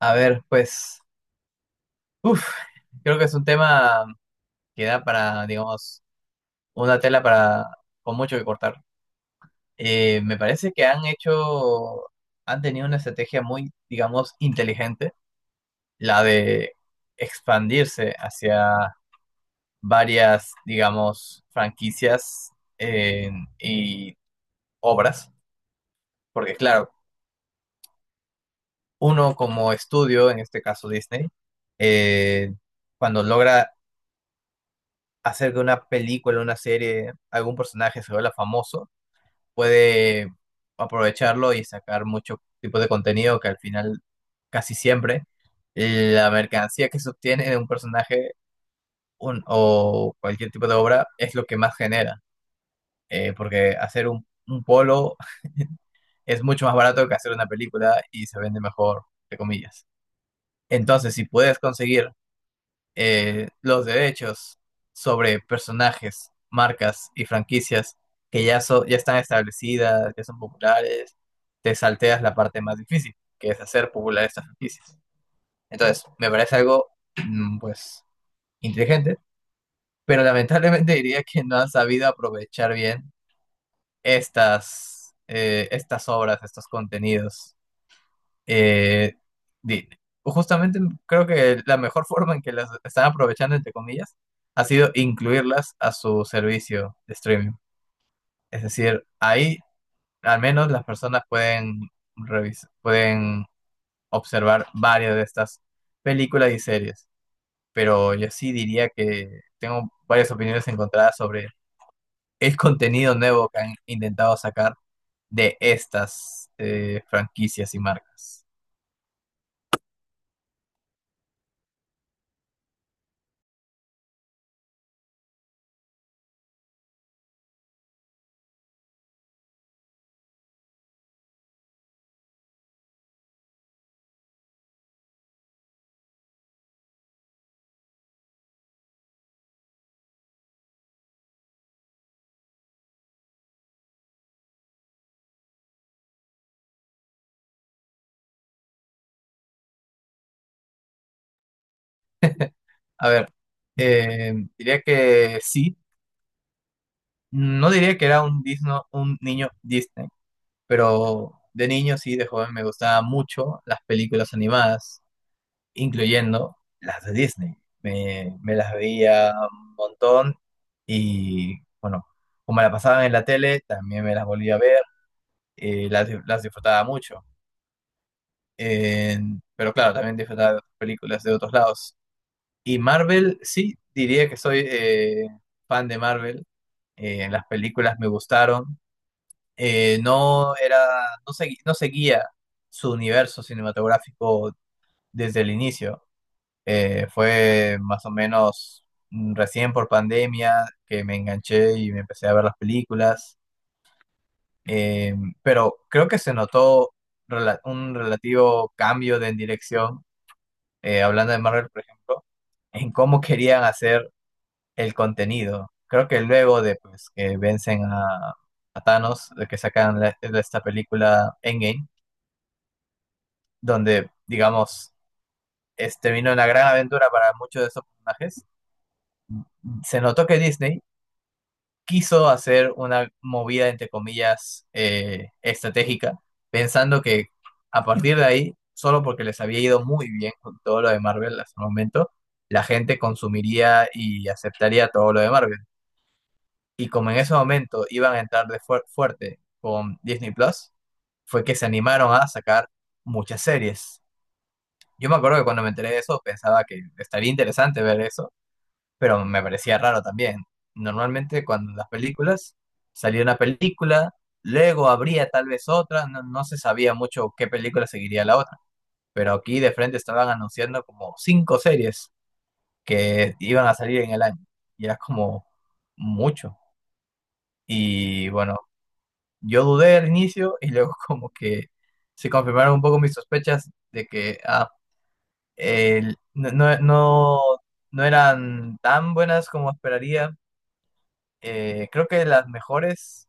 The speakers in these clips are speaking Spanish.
A ver, pues, uf, creo que es un tema que da para, digamos, una tela para con mucho que cortar. Me parece que han tenido una estrategia muy, digamos, inteligente, la de expandirse hacia varias, digamos, franquicias eh, y obras, porque claro, uno como estudio, en este caso Disney, eh, cuando logra hacer que una película, una serie, algún personaje se vuelva famoso, puede aprovecharlo y sacar muchos tipos de contenido que al final casi siempre la mercancía que se obtiene de un personaje o cualquier tipo de obra es lo que más genera, porque hacer un polo es mucho más barato que hacer una película y se vende mejor, entre comillas. Entonces, si puedes conseguir los derechos sobre personajes, marcas y franquicias que ya están establecidas, que son populares, te salteas la parte más difícil, que es hacer popular estas franquicias. Entonces, me parece algo, pues, inteligente, pero lamentablemente diría que no han sabido aprovechar bien estas obras, estos contenidos. Eh, di- Justamente creo que la mejor forma en que las están aprovechando, entre comillas, ha sido incluirlas a su servicio de streaming. Es decir, ahí al menos las personas pueden pueden observar varias de estas películas y series. Pero yo sí diría que tengo varias opiniones encontradas sobre el contenido nuevo que han intentado sacar de estas franquicias y marcas. A ver, diría que sí. No diría que era un niño Disney, pero de niño sí, de joven me gustaban mucho las películas animadas, incluyendo las de Disney. Me las veía un montón y bueno, como la pasaban en la tele, también me las volvía a ver, las disfrutaba mucho. Pero claro, también disfrutaba de otras películas de otros lados. Y Marvel, sí, diría que soy fan de Marvel. Las películas me gustaron. No era, no segui- no seguía su universo cinematográfico desde el inicio. Fue más o menos recién por pandemia que me enganché y me empecé a ver las películas. Eh, pero creo que se notó un relativo cambio de en dirección, hablando de Marvel, por ejemplo, en cómo querían hacer el contenido. Creo que luego de pues, que vencen a Thanos, de que sacan esta película Endgame, donde, digamos, vino una gran aventura para muchos de esos personajes, se notó que Disney quiso hacer una movida, entre comillas, estratégica, pensando que a partir de ahí, solo porque les había ido muy bien con todo lo de Marvel hasta el momento, la gente consumiría y aceptaría todo lo de Marvel. Y como en ese momento iban a entrar fuerte con Disney Plus, fue que se animaron a sacar muchas series. Yo me acuerdo que cuando me enteré de eso pensaba que estaría interesante ver eso, pero me parecía raro también. Normalmente cuando las películas salía una película, luego habría tal vez otra, no, no se sabía mucho qué película seguiría la otra, pero aquí de frente estaban anunciando como cinco series que iban a salir en el año. Y era como mucho. Y bueno, yo dudé al inicio y luego como que se confirmaron un poco mis sospechas de que el- no, no, no- no eran tan buenas como esperaría. Creo que las mejores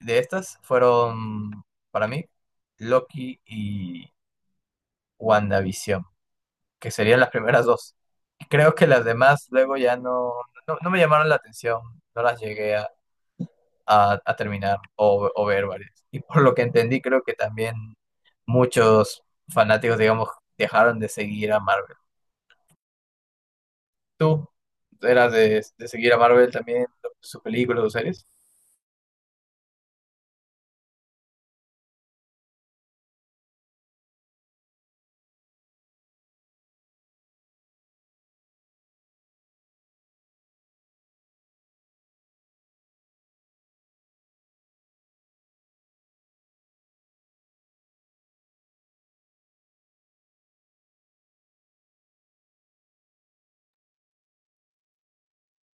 de estas fueron para mí Loki y WandaVision, que serían las primeras dos. Creo que las demás luego ya no me llamaron la atención, no las llegué a terminar o ver varias. Y por lo que entendí, creo que también muchos fanáticos, digamos, dejaron de seguir a Marvel. ¿Tú eras de seguir a Marvel también, sus películas, sus series?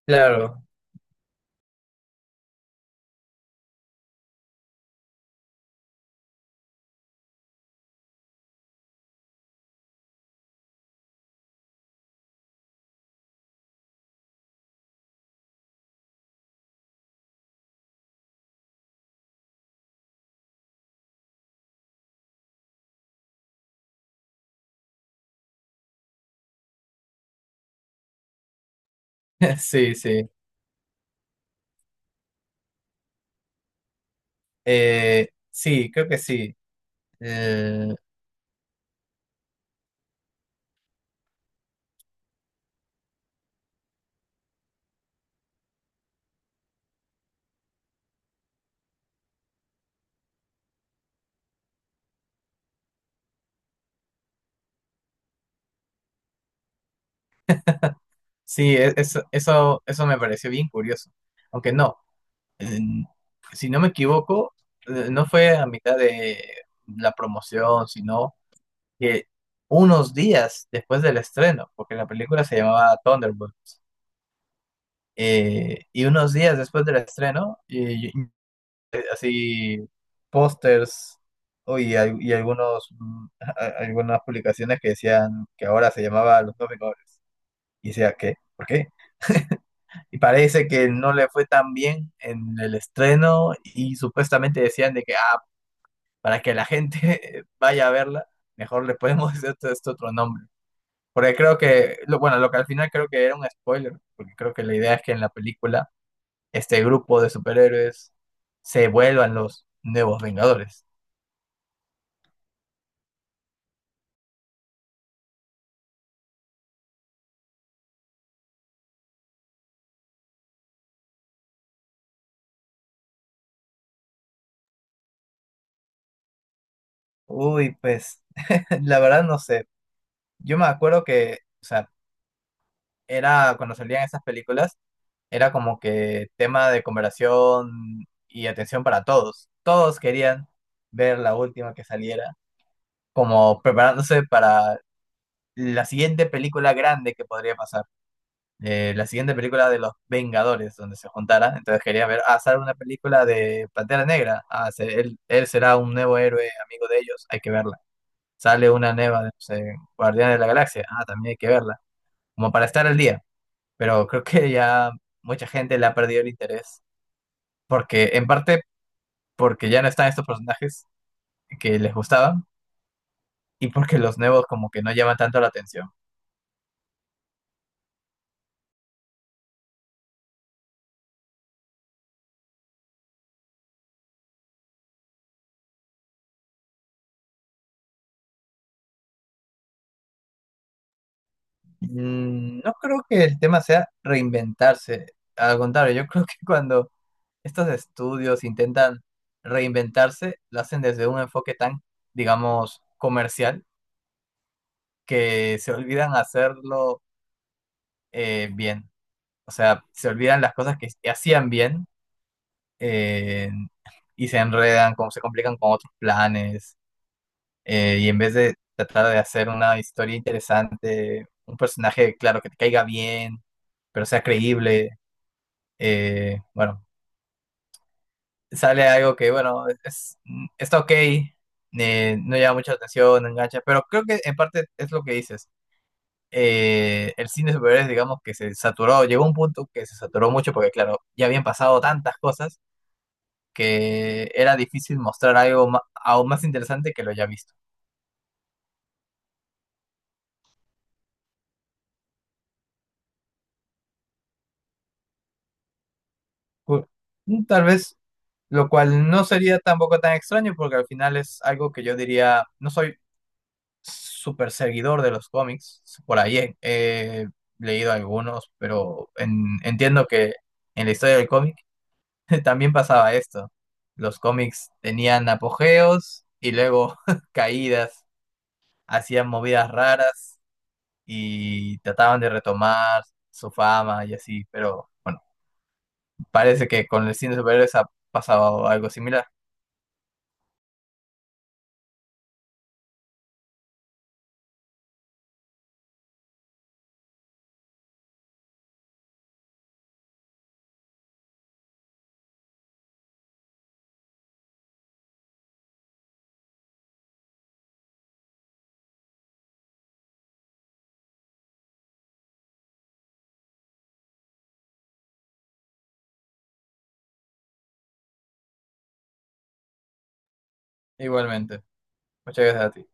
Claro, sí, sí. Sí, creo que sí. Eh, sí, eso, eso, eso me pareció bien curioso. Aunque no, eh, si no me equivoco, no fue a mitad de la promoción, sino que unos días después del estreno, porque la película se llamaba Thunderbolt, y unos días después del estreno, así pósters oh, y algunos, algunas publicaciones que decían que ahora se llamaba Los Dos Vengadores. Y decía, ¿qué? ¿Por qué? Y parece que no le fue tan bien en el estreno y supuestamente decían de que, para que la gente vaya a verla, mejor le podemos hacer este otro nombre. Porque creo que, bueno, lo que al final creo que era un spoiler, porque creo que la idea es que en la película este grupo de superhéroes se vuelvan los nuevos Vengadores. Uy, pues la verdad no sé. Yo me acuerdo que, o sea, era cuando salían esas películas, era como que tema de conversación y atención para todos. Todos querían ver la última que saliera, como preparándose para la siguiente película grande que podría pasar. La siguiente película de los Vengadores, donde se juntara. Entonces quería ver, ah, sale una película de Pantera Negra. Ah, él será un nuevo héroe, amigo de ellos, hay que verla. Sale una nueva de no sé, Guardianes de la Galaxia. Ah, también hay que verla. Como para estar al día. Pero creo que ya mucha gente le ha perdido el interés. Porque, en parte, porque ya no están estos personajes que les gustaban. Y porque los nuevos como que no llaman tanto la atención. No creo que el tema sea reinventarse. Al contrario, yo creo que cuando estos estudios intentan reinventarse, lo hacen desde un enfoque tan, digamos, comercial, que se olvidan hacerlo bien. O sea, se olvidan las cosas que hacían bien eh, y se enredan, como se complican con otros planes. Y en vez de tratar de hacer una historia interesante, un personaje, claro, que te caiga bien, pero sea creíble. Bueno, sale algo que, bueno, está ok, no llama mucha atención, no engancha, pero creo que en parte es lo que dices. El cine de superhéroes, digamos que se saturó, llegó a un punto que se saturó mucho porque, claro, ya habían pasado tantas cosas que era difícil mostrar algo aún más interesante que lo ya visto. Pu- Tal vez, lo cual no sería tampoco tan extraño porque al final es algo que yo diría, no soy súper seguidor de los cómics. Por ahí he leído algunos, pero entiendo que en la historia del cómic también pasaba esto. Los cómics tenían apogeos y luego caídas, hacían movidas raras y trataban de retomar su fama y así, pero bueno, parece que con el cine de superhéroes ha pasado algo similar. Igualmente. Muchas gracias a ti.